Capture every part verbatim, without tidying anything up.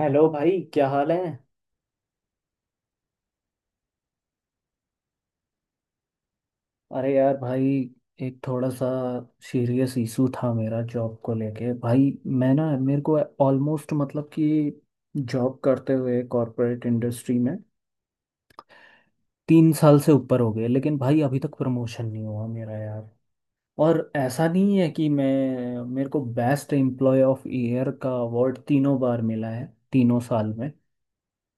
Hello भाई, क्या हाल है। अरे यार भाई, एक थोड़ा सा सीरियस इशू था मेरा जॉब को लेके भाई। मैं ना मेरे को ऑलमोस्ट, मतलब कि जॉब करते हुए कॉरपोरेट इंडस्ट्री में तीन साल से ऊपर हो गए, लेकिन भाई अभी तक प्रमोशन नहीं हुआ मेरा यार। और ऐसा नहीं है कि मैं, मेरे को बेस्ट एम्प्लॉय ऑफ ईयर का अवार्ड तीनों बार मिला है, तीनों साल में।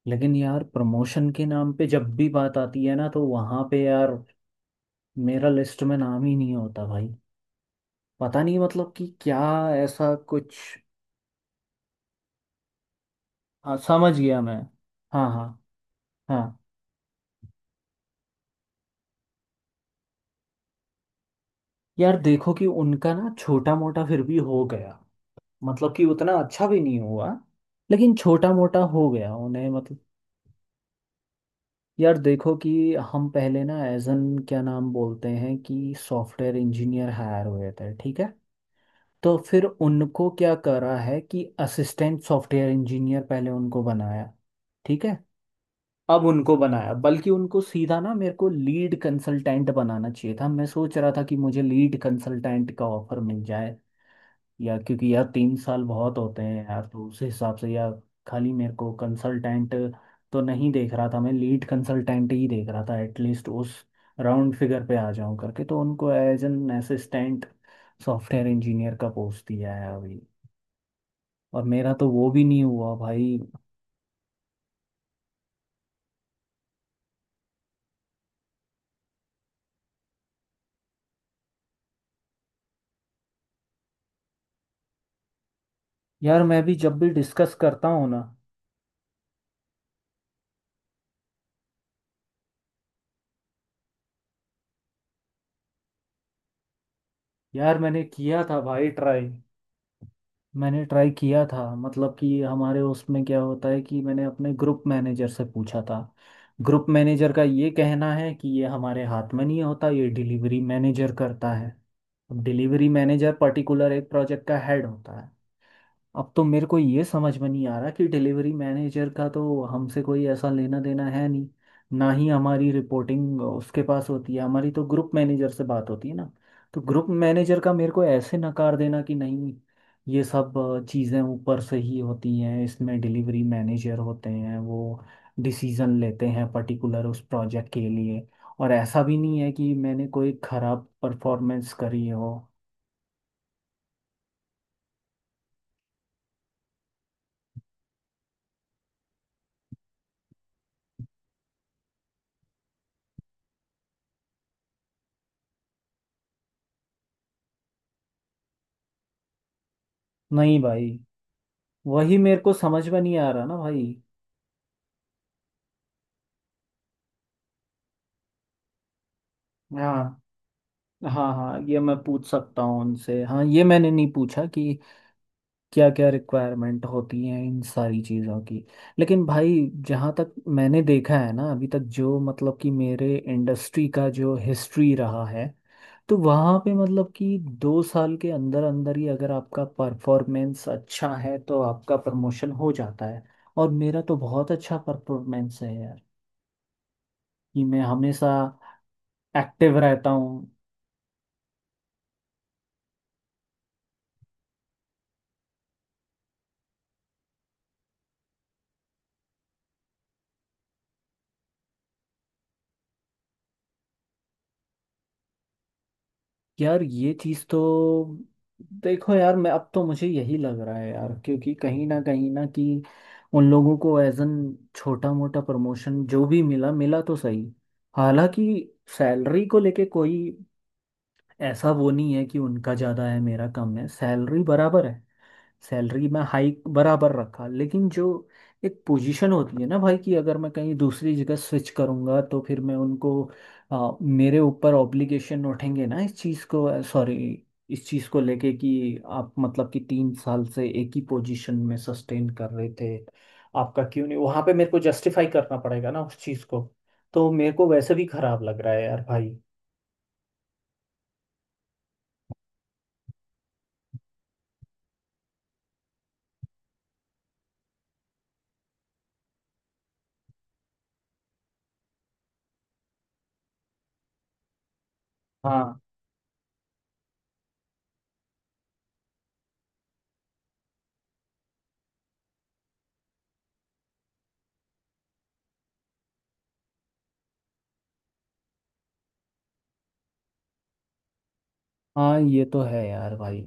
लेकिन यार प्रमोशन के नाम पे जब भी बात आती है ना, तो वहाँ पे यार मेरा लिस्ट में नाम ही नहीं होता भाई। पता नहीं, मतलब कि क्या ऐसा कुछ। हाँ, समझ गया मैं। हाँ, हाँ। हाँ। यार देखो कि उनका ना छोटा मोटा फिर भी हो गया। मतलब कि उतना अच्छा भी नहीं हुआ, लेकिन छोटा मोटा हो गया उन्हें, मतलब। यार देखो कि हम पहले ना एज एन क्या नाम बोलते हैं, कि सॉफ्टवेयर इंजीनियर हायर हुए थे, ठीक है। तो फिर उनको क्या करा है कि असिस्टेंट सॉफ्टवेयर इंजीनियर पहले उनको बनाया। ठीक है। अब उनको बनाया, बल्कि उनको सीधा ना, मेरे को लीड कंसल्टेंट बनाना चाहिए था। मैं सोच रहा था कि मुझे लीड कंसल्टेंट का ऑफर मिल जाए, या क्योंकि यार तीन साल बहुत होते हैं यार, तो उस हिसाब से यार खाली मेरे को कंसल्टेंट तो नहीं देख रहा था, मैं लीड कंसल्टेंट ही देख रहा था, एटलीस्ट उस राउंड फिगर पे आ जाऊं करके। तो उनको as an assistant software engineer का पोस्ट दिया है अभी, और मेरा तो वो भी नहीं हुआ भाई। यार मैं भी जब भी डिस्कस करता हूँ ना। यार मैंने किया था भाई, ट्राई। मैंने ट्राई किया था, मतलब कि हमारे उसमें क्या होता है कि मैंने अपने ग्रुप मैनेजर से पूछा था। ग्रुप मैनेजर का ये कहना है कि ये हमारे हाथ में नहीं होता, ये डिलीवरी मैनेजर करता है। डिलीवरी मैनेजर पर्टिकुलर एक प्रोजेक्ट का हेड होता है। अब तो मेरे को ये समझ में नहीं आ रहा कि डिलीवरी मैनेजर का तो हमसे कोई ऐसा लेना देना है नहीं। ना ही हमारी रिपोर्टिंग उसके पास होती है, हमारी तो ग्रुप मैनेजर से बात होती है ना। तो ग्रुप मैनेजर का मेरे को ऐसे नकार देना कि नहीं, ये सब चीज़ें ऊपर से ही होती हैं, इसमें डिलीवरी मैनेजर होते हैं, वो डिसीज़न लेते हैं पर्टिकुलर उस प्रोजेक्ट के लिए। और ऐसा भी नहीं है कि मैंने कोई ख़राब परफॉर्मेंस करी हो। नहीं भाई। वही मेरे को समझ में नहीं आ रहा ना भाई। हाँ, हाँ। हाँ, ये मैं पूछ सकता हूँ उनसे। हाँ, ये मैंने नहीं पूछा कि क्या क्या रिक्वायरमेंट होती हैं इन सारी चीज़ों की। लेकिन भाई जहाँ तक मैंने देखा है ना अभी तक, जो मतलब कि मेरे इंडस्ट्री का जो हिस्ट्री रहा है, तो वहाँ पे मतलब कि दो साल के अंदर अंदर ही अगर आपका परफॉर्मेंस अच्छा है तो आपका प्रमोशन हो जाता है। और मेरा तो बहुत अच्छा परफॉर्मेंस है यार, कि मैं हमेशा एक्टिव रहता हूँ। यार ये चीज तो देखो यार। मैं अब तो, मुझे यही लग रहा है यार, क्योंकि कहीं ना कहीं ना, कि उन लोगों को एज एन छोटा मोटा प्रमोशन जो भी मिला, मिला तो सही। हालांकि सैलरी को लेके कोई ऐसा वो नहीं है कि उनका ज्यादा है मेरा कम है, सैलरी बराबर है, सैलरी में हाइक बराबर रखा। लेकिन जो एक पोजीशन होती है ना भाई, कि अगर मैं कहीं दूसरी जगह स्विच करूंगा तो फिर मैं उनको, आ, मेरे ऊपर ऑब्लिगेशन उठेंगे ना इस चीज़ को सॉरी इस चीज़ को लेके, कि आप मतलब कि तीन साल से एक ही पोजीशन में सस्टेन कर रहे थे, आपका क्यों नहीं, वहां पे मेरे को जस्टिफाई करना पड़ेगा ना उस चीज़ को। तो मेरे को वैसे भी खराब लग रहा है यार भाई। हाँ, हाँ, ये तो है यार भाई।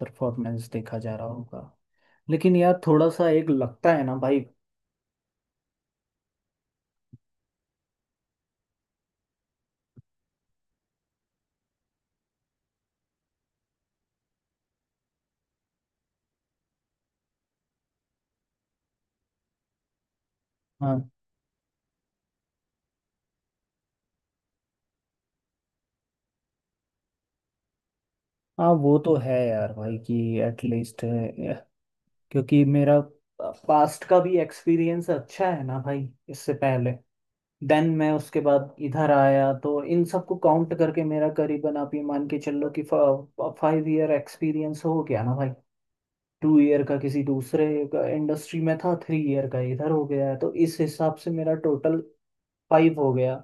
परफॉर्मेंस देखा जा रहा होगा। लेकिन यार थोड़ा सा एक लगता है ना भाई। हाँ, हाँ, वो तो है यार भाई कि एटलीस्ट, क्योंकि मेरा पास्ट का भी एक्सपीरियंस अच्छा है ना भाई, इससे पहले। देन मैं उसके बाद इधर आया, तो इन सबको काउंट करके मेरा करीबन, आप ये मान के चलो कि फाइव ईयर एक्सपीरियंस हो गया ना भाई। टू ईयर का किसी दूसरे इंडस्ट्री में था, थ्री ईयर का इधर हो गया है, तो इस हिसाब से मेरा टोटल फाइव हो गया।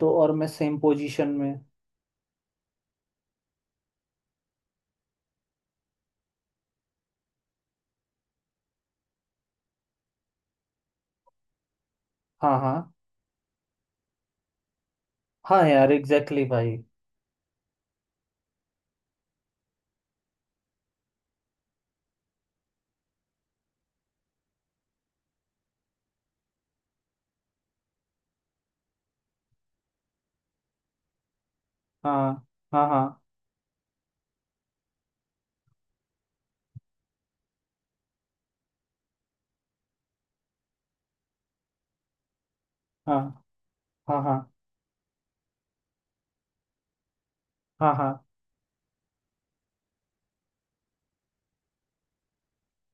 तो और मैं सेम पोजीशन में। हाँ, हाँ, हाँ, यार एग्जैक्टली भाई। हाँ, हाँ, हाँ, हाँ। हाँ, हाँ, हाँ, हाँ, हाँ।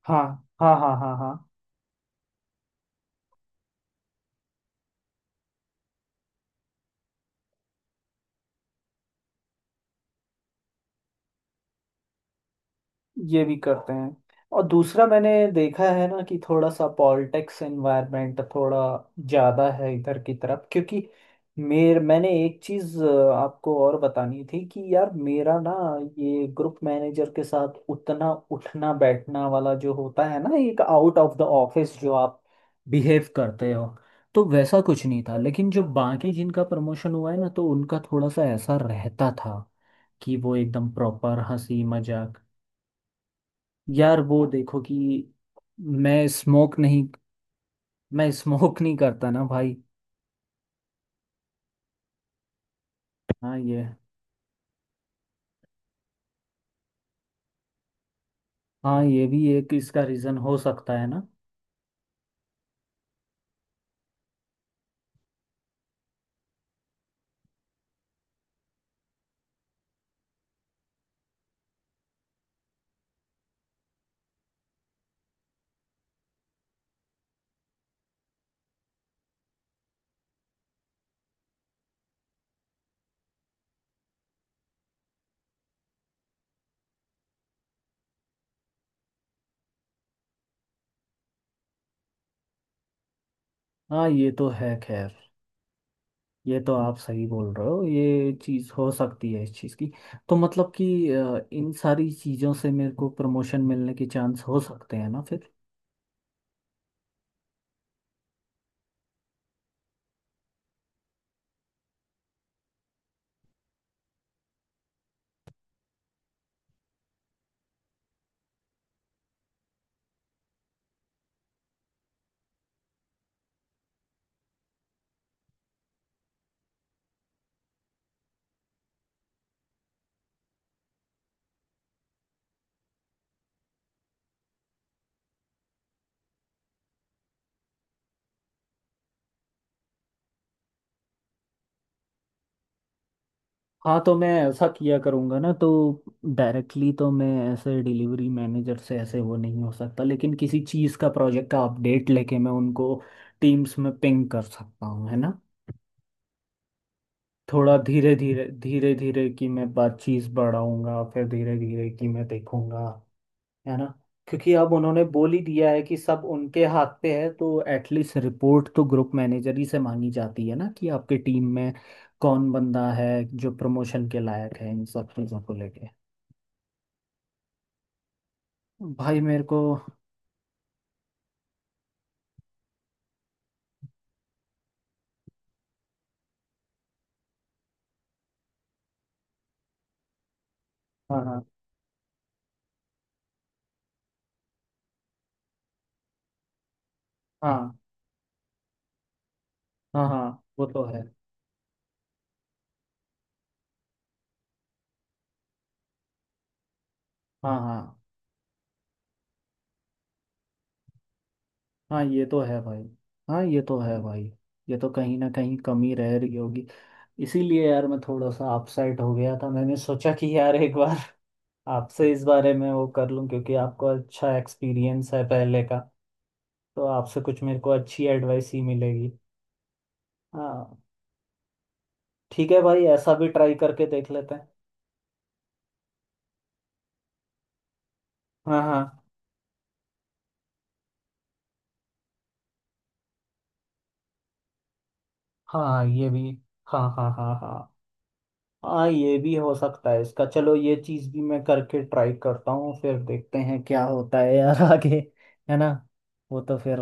हाँ, हाँ, हाँ, हाँ, हाँ। ये भी करते हैं। और दूसरा मैंने देखा है ना कि थोड़ा सा पॉलिटिक्स एनवायरनमेंट थोड़ा ज़्यादा है इधर की तरफ, क्योंकि मेर मैंने एक चीज़ अ, आपको और बतानी थी, कि यार मेरा ना ये ग्रुप मैनेजर के साथ उतना उठना बैठना वाला जो होता है ना, एक आउट ऑफ द ऑफिस जो आप बिहेव करते हो, तो वैसा कुछ नहीं था। लेकिन जो बाकी जिनका प्रमोशन हुआ है ना, तो उनका थोड़ा सा ऐसा रहता था कि वो एकदम प्रॉपर हंसी मजाक। यार वो देखो कि मैं स्मोक नहीं मैं स्मोक नहीं करता ना भाई। हाँ, ये, हाँ, ये भी एक इसका रीजन हो सकता है ना। हाँ, ये तो है खैर। ये तो आप सही बोल रहे हो, ये चीज हो सकती है इस चीज की। तो मतलब कि अ, इन सारी चीजों से मेरे को प्रमोशन मिलने के चांस हो सकते हैं ना फिर। हाँ, तो मैं ऐसा किया करूँगा ना। तो डायरेक्टली तो मैं ऐसे डिलीवरी मैनेजर से ऐसे वो नहीं हो सकता, लेकिन किसी चीज़ का, प्रोजेक्ट का अपडेट लेके मैं उनको टीम्स में पिंग कर सकता हूँ, है ना। थोड़ा धीरे धीरे धीरे धीरे कि मैं बात चीज़ बढ़ाऊंगा, फिर धीरे धीरे कि मैं देखूंगा, है ना। क्योंकि अब उन्होंने बोल ही दिया है कि सब उनके हाथ पे है, तो एटलीस्ट रिपोर्ट तो ग्रुप मैनेजर ही से मांगी जाती है ना, कि आपके टीम में कौन बंदा है जो प्रमोशन के लायक है, इन सब चीज़ों को लेके। भाई मेरे को। हाँ, हाँ, हाँ, हाँ, हाँ, वो तो है। हाँ, हाँ, हाँ, ये तो है भाई। हाँ, ये तो है भाई। ये तो कहीं ना कहीं कमी रह रही होगी। इसीलिए यार मैं थोड़ा सा अपसेट हो गया था, मैंने सोचा कि यार एक बार आपसे इस बारे में वो कर लूं, क्योंकि आपको अच्छा एक्सपीरियंस है पहले का, तो आपसे कुछ मेरे को अच्छी एडवाइस ही मिलेगी। हाँ। ठीक है भाई, ऐसा भी ट्राई करके देख लेते हैं। हाँ, हाँ, हाँ, ये भी। हाँ, हाँ, हाँ, हाँ, हाँ, ये भी हो सकता है इसका। चलो, ये चीज भी मैं करके ट्राई करता हूँ फिर, देखते हैं क्या होता है यार आगे। है ना। वो तो फिर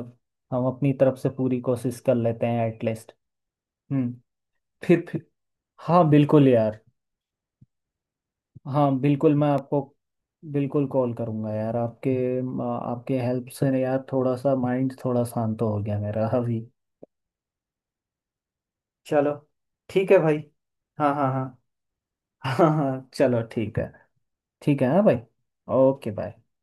हम अपनी तरफ से पूरी कोशिश कर लेते हैं एटलीस्ट। हम्म। फिर फिर। हाँ बिल्कुल यार। हाँ बिल्कुल, मैं आपको, बिल्कुल कॉल करूँगा यार, आपके आपके हेल्प से यार, थोड़ा सा माइंड थोड़ा शांत हो गया मेरा अभी। चलो। ठीक है भाई। हाँ, हाँ, हाँ, हाँ, हाँ, चलो ठीक है। ठीक है, हाँ भाई। Okay, bye.